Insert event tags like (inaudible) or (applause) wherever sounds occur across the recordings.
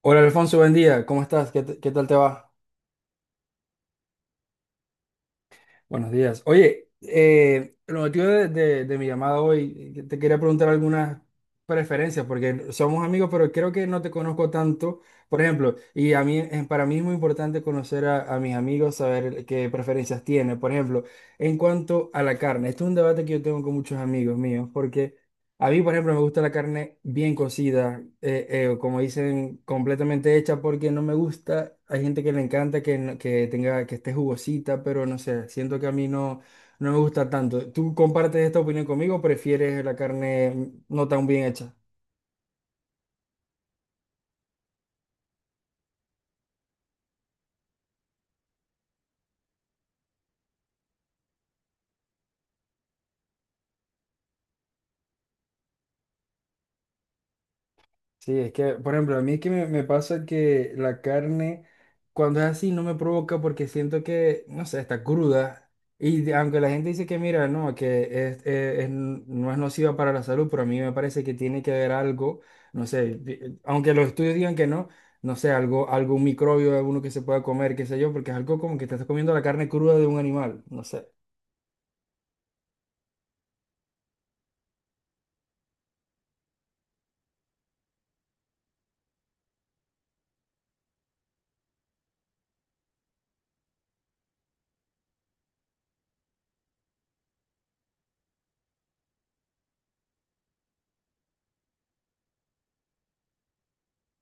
Hola Alfonso, buen día. ¿Cómo estás? ¿ Qué tal te va? Buenos días. Oye, el motivo de mi llamada hoy, te quería preguntar algunas preferencias, porque somos amigos, pero creo que no te conozco tanto, por ejemplo, y a mí, para mí es muy importante conocer a mis amigos, saber qué preferencias tienen. Por ejemplo, en cuanto a la carne, este es un debate que yo tengo con muchos amigos míos. A mí, por ejemplo, me gusta la carne bien cocida, como dicen, completamente hecha, porque no me gusta. Hay gente que le encanta que, no- que tenga, que esté jugosita, pero no sé, siento que a mí no, no me gusta tanto. ¿Tú compartes esta opinión conmigo o prefieres la carne no tan bien hecha? Sí, es que, por ejemplo, a mí es que me pasa que la carne, cuando es así, no me provoca porque siento que, no sé, está cruda. Aunque la gente dice que, mira, no, que es, no es nociva para la salud, pero a mí me parece que tiene que haber algo, no sé, aunque los estudios digan que no, no sé, algo, algún microbio, alguno que se pueda comer, qué sé yo, porque es algo como que te estás comiendo la carne cruda de un animal, no sé.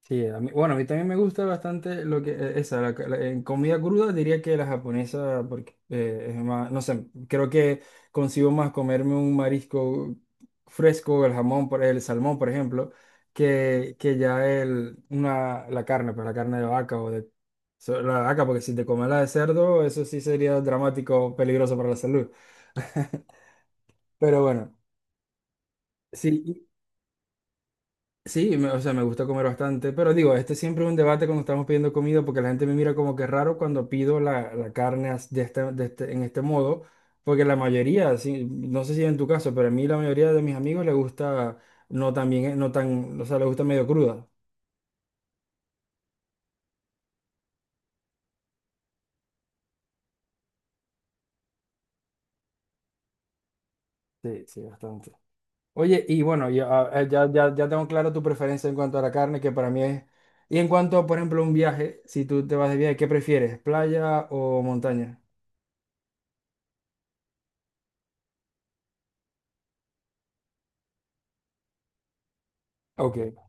Bueno, a mí también me gusta bastante lo que en comida cruda diría que la japonesa, porque es más, no sé, creo que consigo más comerme un marisco fresco, el jamón, el salmón, por ejemplo, que ya la carne, pues la carne de vaca o de la vaca, porque si te comes la de cerdo, eso sí sería dramático, peligroso para la salud. (laughs) Pero bueno, sí. Sí, o sea, me gusta comer bastante, pero digo, este siempre es un debate cuando estamos pidiendo comida porque la gente me mira como que raro cuando pido la carne en este modo, porque la mayoría, sí, no sé si en tu caso, pero a mí la mayoría de mis amigos le gusta no tan bien, no tan, o sea, le gusta medio cruda. Sí, sí, bastante. Oye, y bueno, ya, ah, ya tengo claro tu preferencia en cuanto a la carne, que para mí es... Y en cuanto a, por ejemplo, un viaje, si tú te vas de viaje, ¿qué prefieres? ¿Playa o montaña? Ok.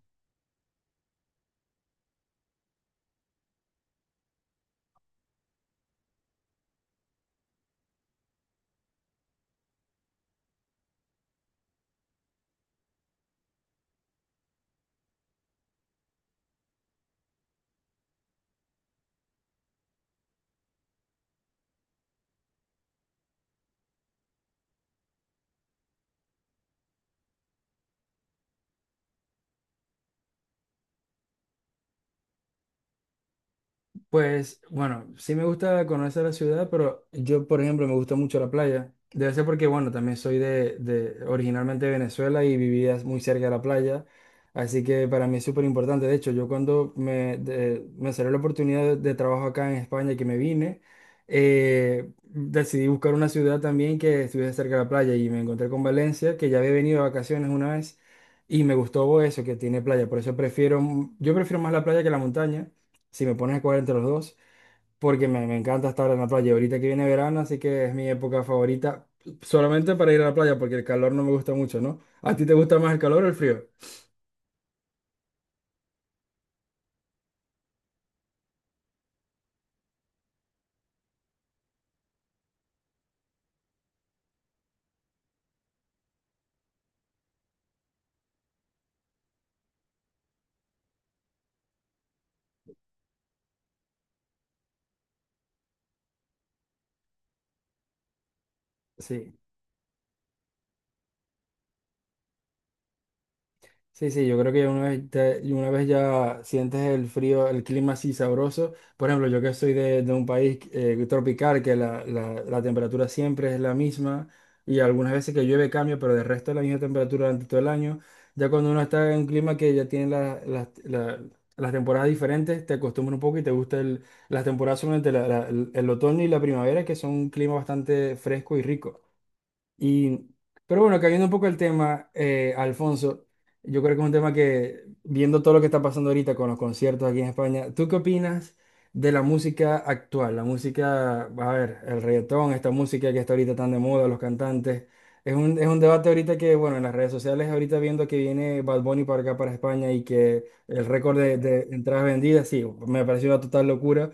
Pues bueno, sí me gusta conocer la ciudad, pero yo, por ejemplo, me gusta mucho la playa. Debe ser porque, bueno, también soy de originalmente de Venezuela y vivía muy cerca de la playa. Así que para mí es súper importante. De hecho, yo me salió la oportunidad de trabajo acá en España y que me vine, decidí buscar una ciudad también que estuviese cerca de la playa y me encontré con Valencia, que ya había venido de vacaciones una vez y me gustó eso, que tiene playa. Yo prefiero más la playa que la montaña si me pones a escoger entre los dos, porque me encanta estar en la playa. Ahorita que viene verano, así que es mi época favorita, solamente para ir a la playa, porque el calor no me gusta mucho, ¿no? ¿A ti te gusta más el calor o el frío? Sí. Sí, sí, yo creo que una vez ya sientes el frío, el clima así sabroso. Por ejemplo, yo que soy de un país tropical, que la- la temperatura siempre es la misma y algunas veces que llueve cambia, pero del resto es la misma temperatura durante todo el año. Ya cuando uno está en un clima que ya tiene las temporadas diferentes, te acostumbras un poco y te gusta el- las temporadas solamente la- la- el otoño y la primavera, que son un clima bastante fresco y rico. Y, pero bueno, cayendo un poco el tema, Alfonso, yo creo que es un tema que, viendo todo lo que está pasando ahorita con los conciertos aquí en España, ¿tú qué opinas de la música actual? La música, a ver, el reggaetón, esta música que está ahorita tan de moda, los cantantes. Es un debate ahorita que, bueno, en las redes sociales, ahorita viendo que viene Bad Bunny para acá, para España, y que el récord de entradas vendidas, sí, me pareció una total locura.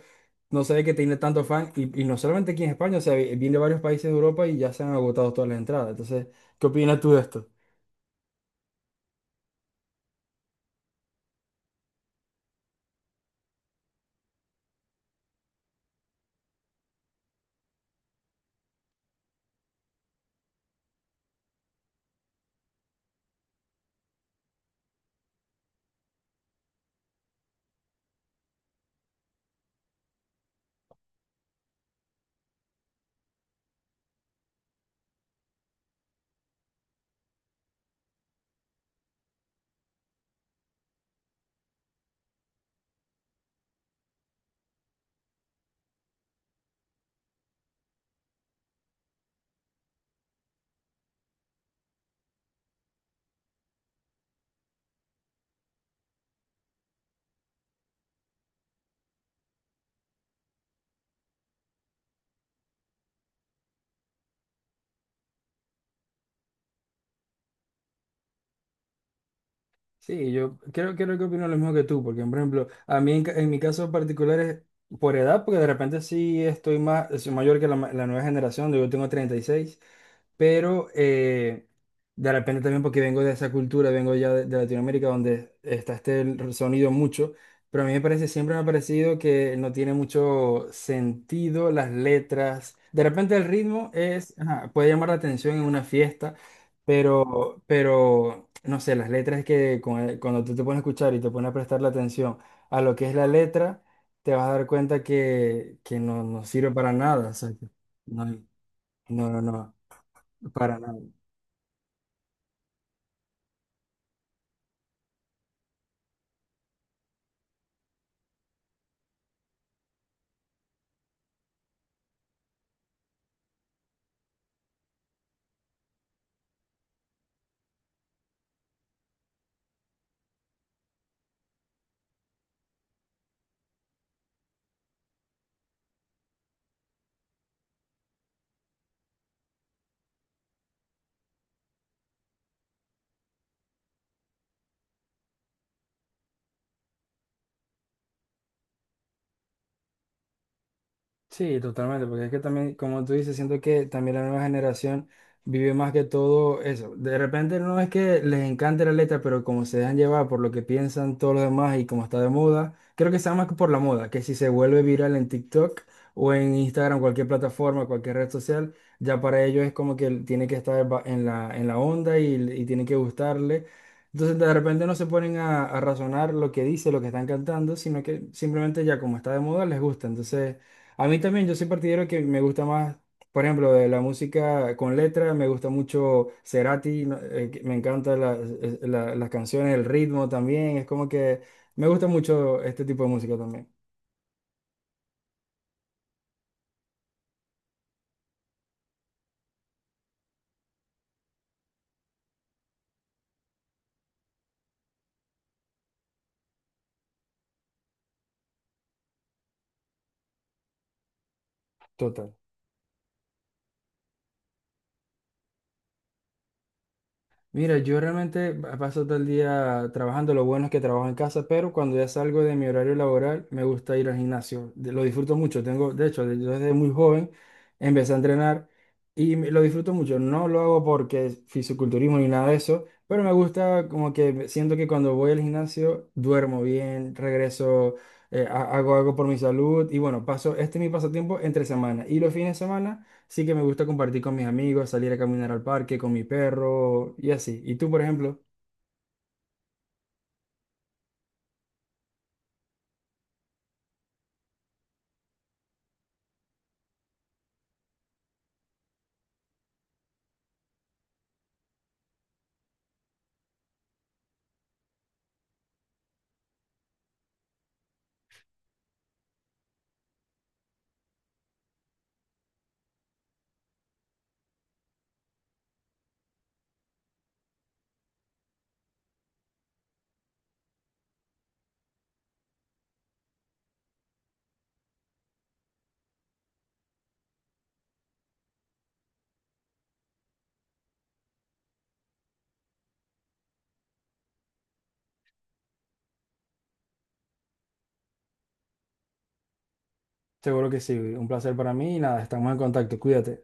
No sé que tiene tanto fan, y no solamente aquí en España, o sea, viene de varios países de Europa y ya se han agotado todas las entradas. Entonces, ¿qué opinas tú de esto? Sí, yo creo, creo que opino lo mismo que tú, porque, por ejemplo, a mí en mi caso particular es por edad, porque de repente sí estoy más, soy mayor que la nueva generación, yo tengo 36, pero de repente también porque vengo de esa cultura, vengo ya de Latinoamérica donde está este el sonido mucho, pero a mí me parece, siempre me ha parecido que no tiene mucho sentido las letras. De repente el ritmo es, ajá, puede llamar la atención en una fiesta, pero no sé, las letras que cuando tú te pones a escuchar y te pones a prestar la atención a lo que es la letra, te vas a dar cuenta que no, no sirve para nada. O sea, que no, no, no, no, para nada. Sí, totalmente, porque es que también, como tú dices, siento que también la nueva generación vive más que todo eso. De repente no es que les encante la letra, pero como se dejan llevar por lo que piensan todos los demás y como está de moda, creo que está más que por la moda, que si se vuelve viral en TikTok o en Instagram, cualquier plataforma, cualquier red social, ya para ellos es como que tiene que estar en en la onda y tiene que gustarle. Entonces de repente no se ponen a razonar lo que dice, lo que están cantando, sino que simplemente ya como está de moda les gusta. Entonces... A mí también, yo soy partidario que me gusta más, por ejemplo, de la música con letra, me gusta mucho Cerati, me encantan las canciones, el ritmo también, es como que me gusta mucho este tipo de música también. Total. Mira, yo realmente paso todo el día trabajando. Lo bueno es que trabajo en casa, pero cuando ya salgo de mi horario laboral, me gusta ir al gimnasio. Lo disfruto mucho. Tengo, de hecho, yo desde muy joven empecé a entrenar y lo disfruto mucho. No lo hago porque es fisiculturismo ni nada de eso, pero me gusta como que siento que cuando voy al gimnasio duermo bien, regreso, hago algo por mi salud y bueno, paso, este es mi pasatiempo entre semana y los fines de semana. Sí que me gusta compartir con mis amigos, salir a caminar al parque con mi perro y así. ¿Y tú, por ejemplo? Seguro que sí. Un placer para mí y nada, estamos en contacto. Cuídate.